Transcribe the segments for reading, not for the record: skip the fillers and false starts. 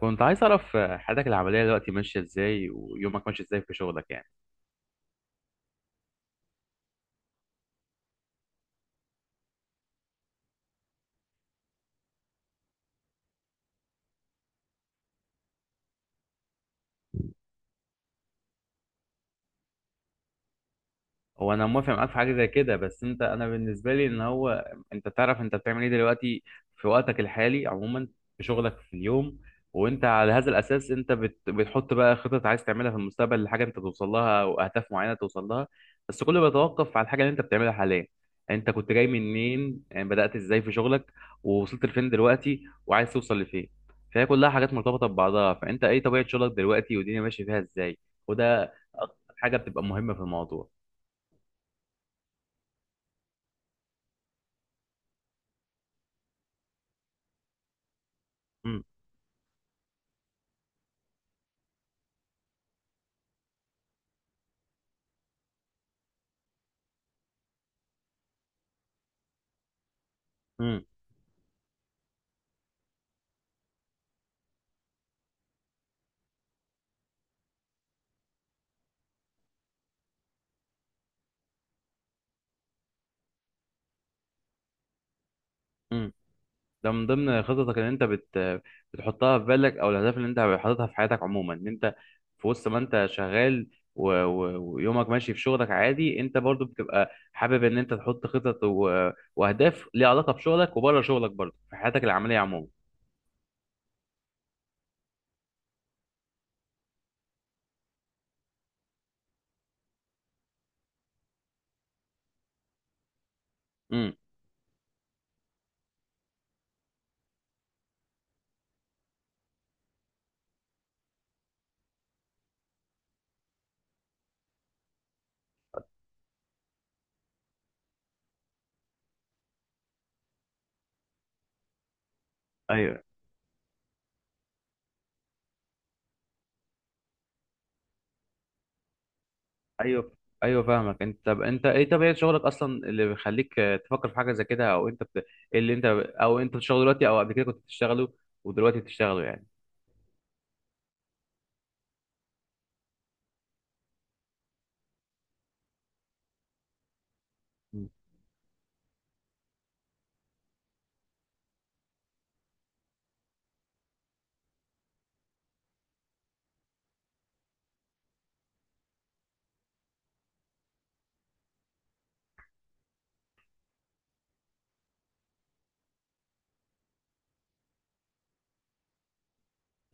كنت عايز أعرف حياتك العملية دلوقتي ماشية إزاي، ويومك ماشي إزاي في شغلك يعني؟ هو انا موافق معاك في حاجه زي كده، بس انت، انا بالنسبه لي ان هو انت تعرف انت بتعمل ايه دلوقتي في وقتك الحالي عموما، في شغلك في اليوم. وانت على هذا الاساس انت بتحط بقى خطط عايز تعملها في المستقبل لحاجه انت توصل لها، او اهداف معينه توصل لها. بس كله بيتوقف على الحاجه اللي انت بتعملها حاليا. انت كنت جاي منين؟ يعني بدات ازاي في شغلك؟ ووصلت لفين دلوقتي، وعايز توصل لفين؟ فهي كلها حاجات مرتبطه ببعضها. فانت ايه طبيعه شغلك دلوقتي، والدنيا ماشيه فيها ازاي؟ وده اكتر حاجه بتبقى مهمه في الموضوع. امم. امم. ده من ضمن خططك ان انت بتحطها في بالك، او الاهداف اللي انت حاططها في حياتك عموما، ان انت في وسط ما انت شغال ويومك ماشي في شغلك عادي، انت برضو بتبقى حابب ان انت تحط خطط واهداف ليها علاقه بشغلك وبره شغلك برضو في حياتك العمليه عموما. امم. ايوه. ايوه. ايوه فاهمك. انت طب انت ايه طبيعه شغلك اصلا اللي بيخليك تفكر في حاجه زي كده، او انت بت... إيه اللي انت او انت بتشتغل دلوقتي، او قبل كده كنت بتشتغله ودلوقتي بتشتغله يعني؟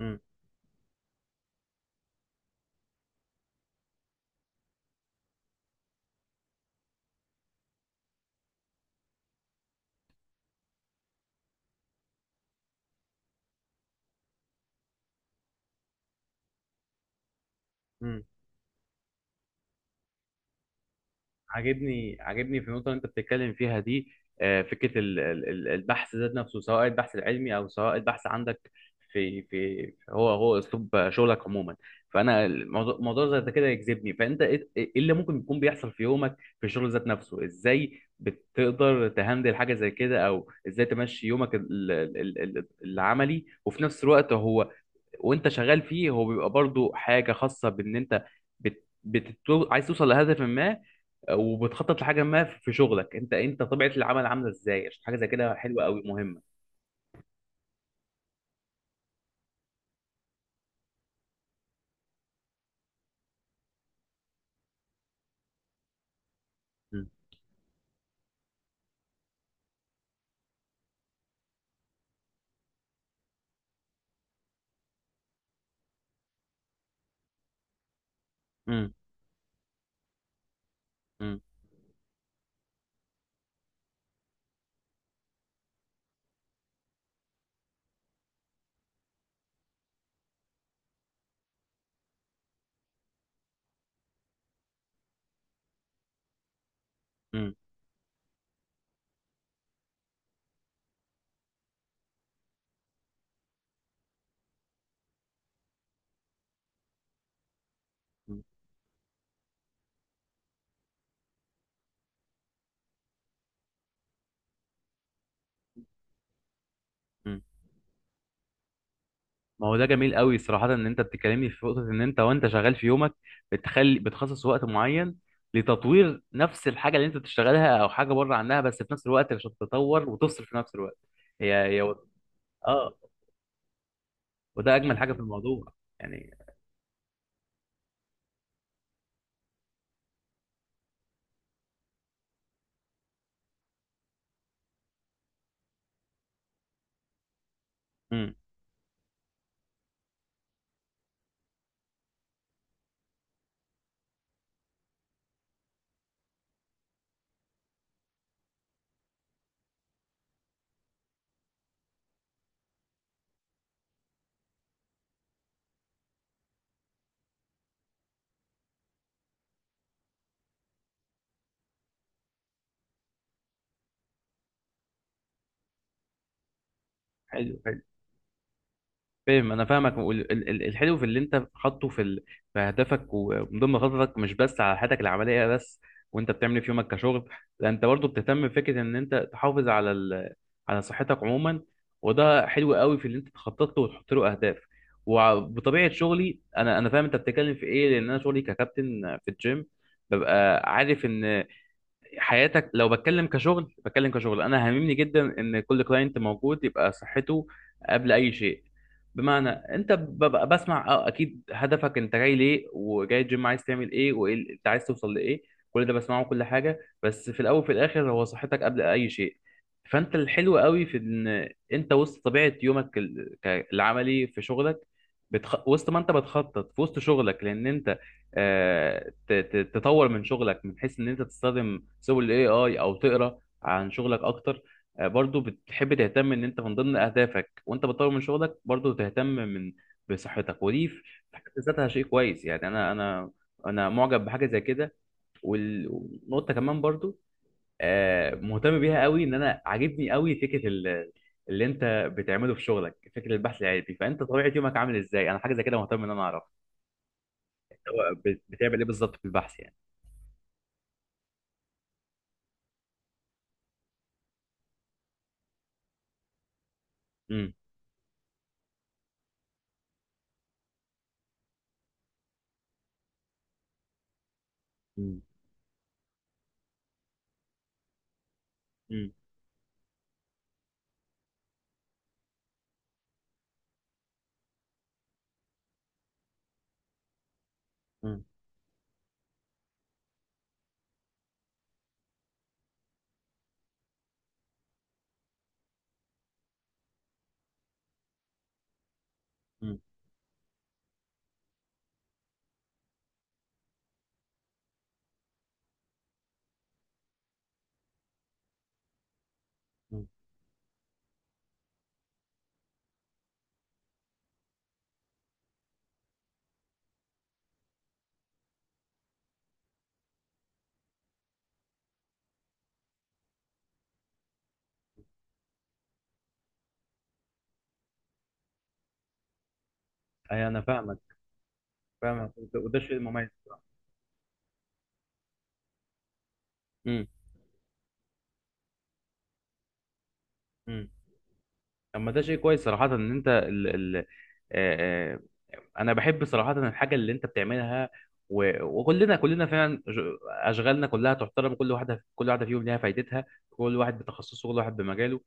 امم. امم. عاجبني عاجبني في النقطة اللي أنت بتتكلم فيها دي. فكرة البحث ذات نفسه، سواء البحث العلمي أو سواء البحث عندك في هو أسلوب شغلك عموما. فأنا الموضوع موضوع زي ده كده يجذبني. فأنت إيه؟ إيه اللي ممكن يكون بيحصل في يومك في الشغل ذات نفسه؟ إزاي بتقدر تهندل حاجة زي كده، أو إزاي تمشي يومك العملي؟ وفي نفس الوقت هو وانت شغال فيه، هو بيبقى برضو حاجه خاصه بان انت عايز توصل لهدف ما، وبتخطط لحاجه ما في شغلك. انت طبيعه العمل عامله ازاي؟ عشان حاجه زي كده حلوه قوي مهمه. مم. مم. مم. مم. مم. مم. ما هو ده جميل قوي صراحه، ان انت بتتكلمني في نقطه ان انت وانت شغال في يومك بتخصص وقت معين لتطوير نفس الحاجه اللي انت بتشتغلها او حاجه بره عنها، بس في نفس الوقت عشان تتطور وتفصل في نفس الوقت. هي هي اه، وده اجمل حاجه في الموضوع يعني. حلو. حلو. فاهم، انا فاهمك. الحلو في اللي انت حاطه في هدفك، ومن ضمن خططك مش بس على حياتك العمليه بس. وانت بتعمل إيه في يومك كشغل؟ لا، انت برضه بتهتم بفكره ان انت تحافظ على صحتك عموما. وده حلو قوي في اللي انت تخطط له وتحط له اهداف. وبطبيعه شغلي، انا فاهم انت بتتكلم في ايه، لان انا شغلي ككابتن في الجيم ببقى عارف ان حياتك، لو بتكلم كشغل بتكلم كشغل، انا هاممني جدا ان كل كلاينت موجود يبقى صحته قبل اي شيء. بمعنى انت ببقى بسمع اكيد هدفك، انت جاي ليه وجاي الجيم عايز تعمل ايه، وايه انت عايز توصل لايه. كل ده بسمعه كل حاجه، بس في الاول وفي الاخر هو صحتك قبل اي شيء. فانت الحلو قوي في ان انت وسط طبيعه يومك العملي في شغلك، وسط ما انت بتخطط في وسط شغلك، لان انت آه، تطور من شغلك، من حيث ان انت تستخدم سبل الاي اي، او تقرا عن شغلك اكتر. برضو بتحب تهتم ان انت من ضمن اهدافك، وانت بتطور من شغلك برضو تهتم بصحتك. ودي في حد ذاتها شيء كويس يعني. انا معجب بحاجه زي كده، والنقطه كمان برضو مهتم بيها قوي، ان انا عاجبني قوي فكره اللي انت بتعمله في شغلك، فكره البحث العلمي. فانت طبيعه يومك عامل ازاي؟ انا حاجه زي كده مهتم ان انا اعرف هو بتعمل ايه بالظبط في البحث يعني؟ امم. مم. مم. مم. مم. اي، انا فاهمك. فاهمك. وده شيء مميز. مم. مم. طب، ما ده شيء كويس صراحة، ان انت ال... ال... آه... آه، انا بحب صراحة الحاجة اللي انت بتعملها. وكلنا فعلا اشغالنا كلها تحترم، كل واحدة كل واحدة فيهم ليها فايدتها. كل واحد بتخصصه، كل واحد بمجاله.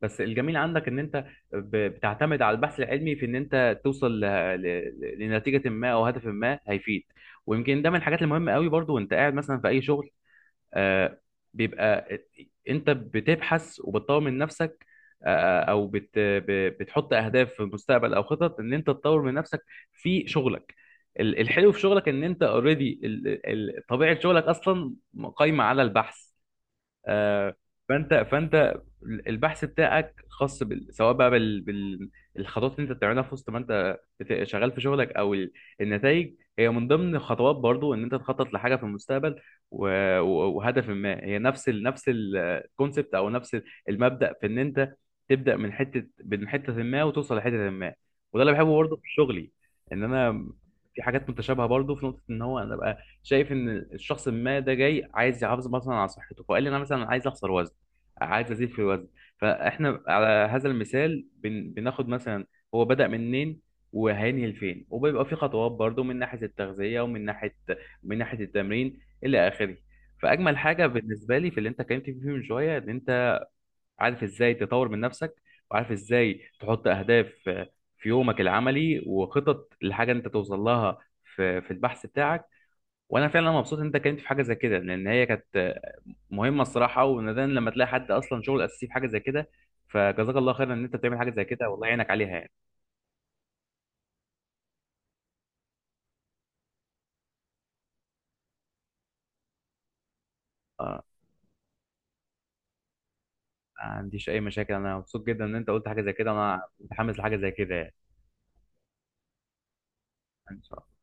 بس الجميل عندك ان انت بتعتمد على البحث العلمي في ان انت توصل لنتيجة ما، او هدف ما هيفيد. ويمكن ده من الحاجات المهمة قوي برضو، وانت قاعد مثلا في اي شغل، آه، بيبقى انت بتبحث وبتطور من نفسك، آه، او بتحط اهداف في المستقبل، او خطط ان انت تطور من نفسك في شغلك. الحلو في شغلك ان انت اوريدي طبيعة شغلك اصلا قايمة على البحث. آه، فانت البحث بتاعك خاص سواء بقى الخطوات اللي انت بتعملها في وسط ما انت شغال في شغلك، او النتائج هي من ضمن خطوات برضو ان انت تخطط لحاجه في المستقبل و... وهدف ما. هي نفس نفس الكونسبت، او نفس المبدأ في ان انت تبدأ من حته ما، وتوصل لحته ما. وده اللي بحبه برضو في شغلي، ان انا في حاجات متشابهه برضو في نقطه، ان هو انا أبقى شايف ان الشخص ما ده جاي عايز يحافظ مثلا على صحته، فقال لي انا مثلا عايز اخسر وزن، عايز ازيد في الوزن. فاحنا على هذا المثال بناخد مثلا هو بدأ منين وهينهي لفين، وبيبقى في خطوات برضو من ناحية التغذية، ومن ناحية التمرين إلى آخره. فأجمل حاجة بالنسبة لي في اللي أنت اتكلمت فيه من شوية، إن أنت عارف إزاي تطور من نفسك، وعارف إزاي تحط أهداف في يومك العملي، وخطط لحاجة أنت توصل لها في البحث بتاعك. وانا فعلا مبسوط ان انت اتكلمت في حاجه زي كده، لان هي كانت مهمه الصراحه، ونادرا لما تلاقي حد اصلا شغل اساسي في حاجه زي كده. فجزاك الله خيرا ان انت بتعمل حاجه زي كده، والله يعينك عليها يعني. اه، ما عنديش اي مشاكل، انا مبسوط جدا ان انت قلت حاجه زي كده، انا متحمس لحاجه زي كده يعني. ان شاء الله.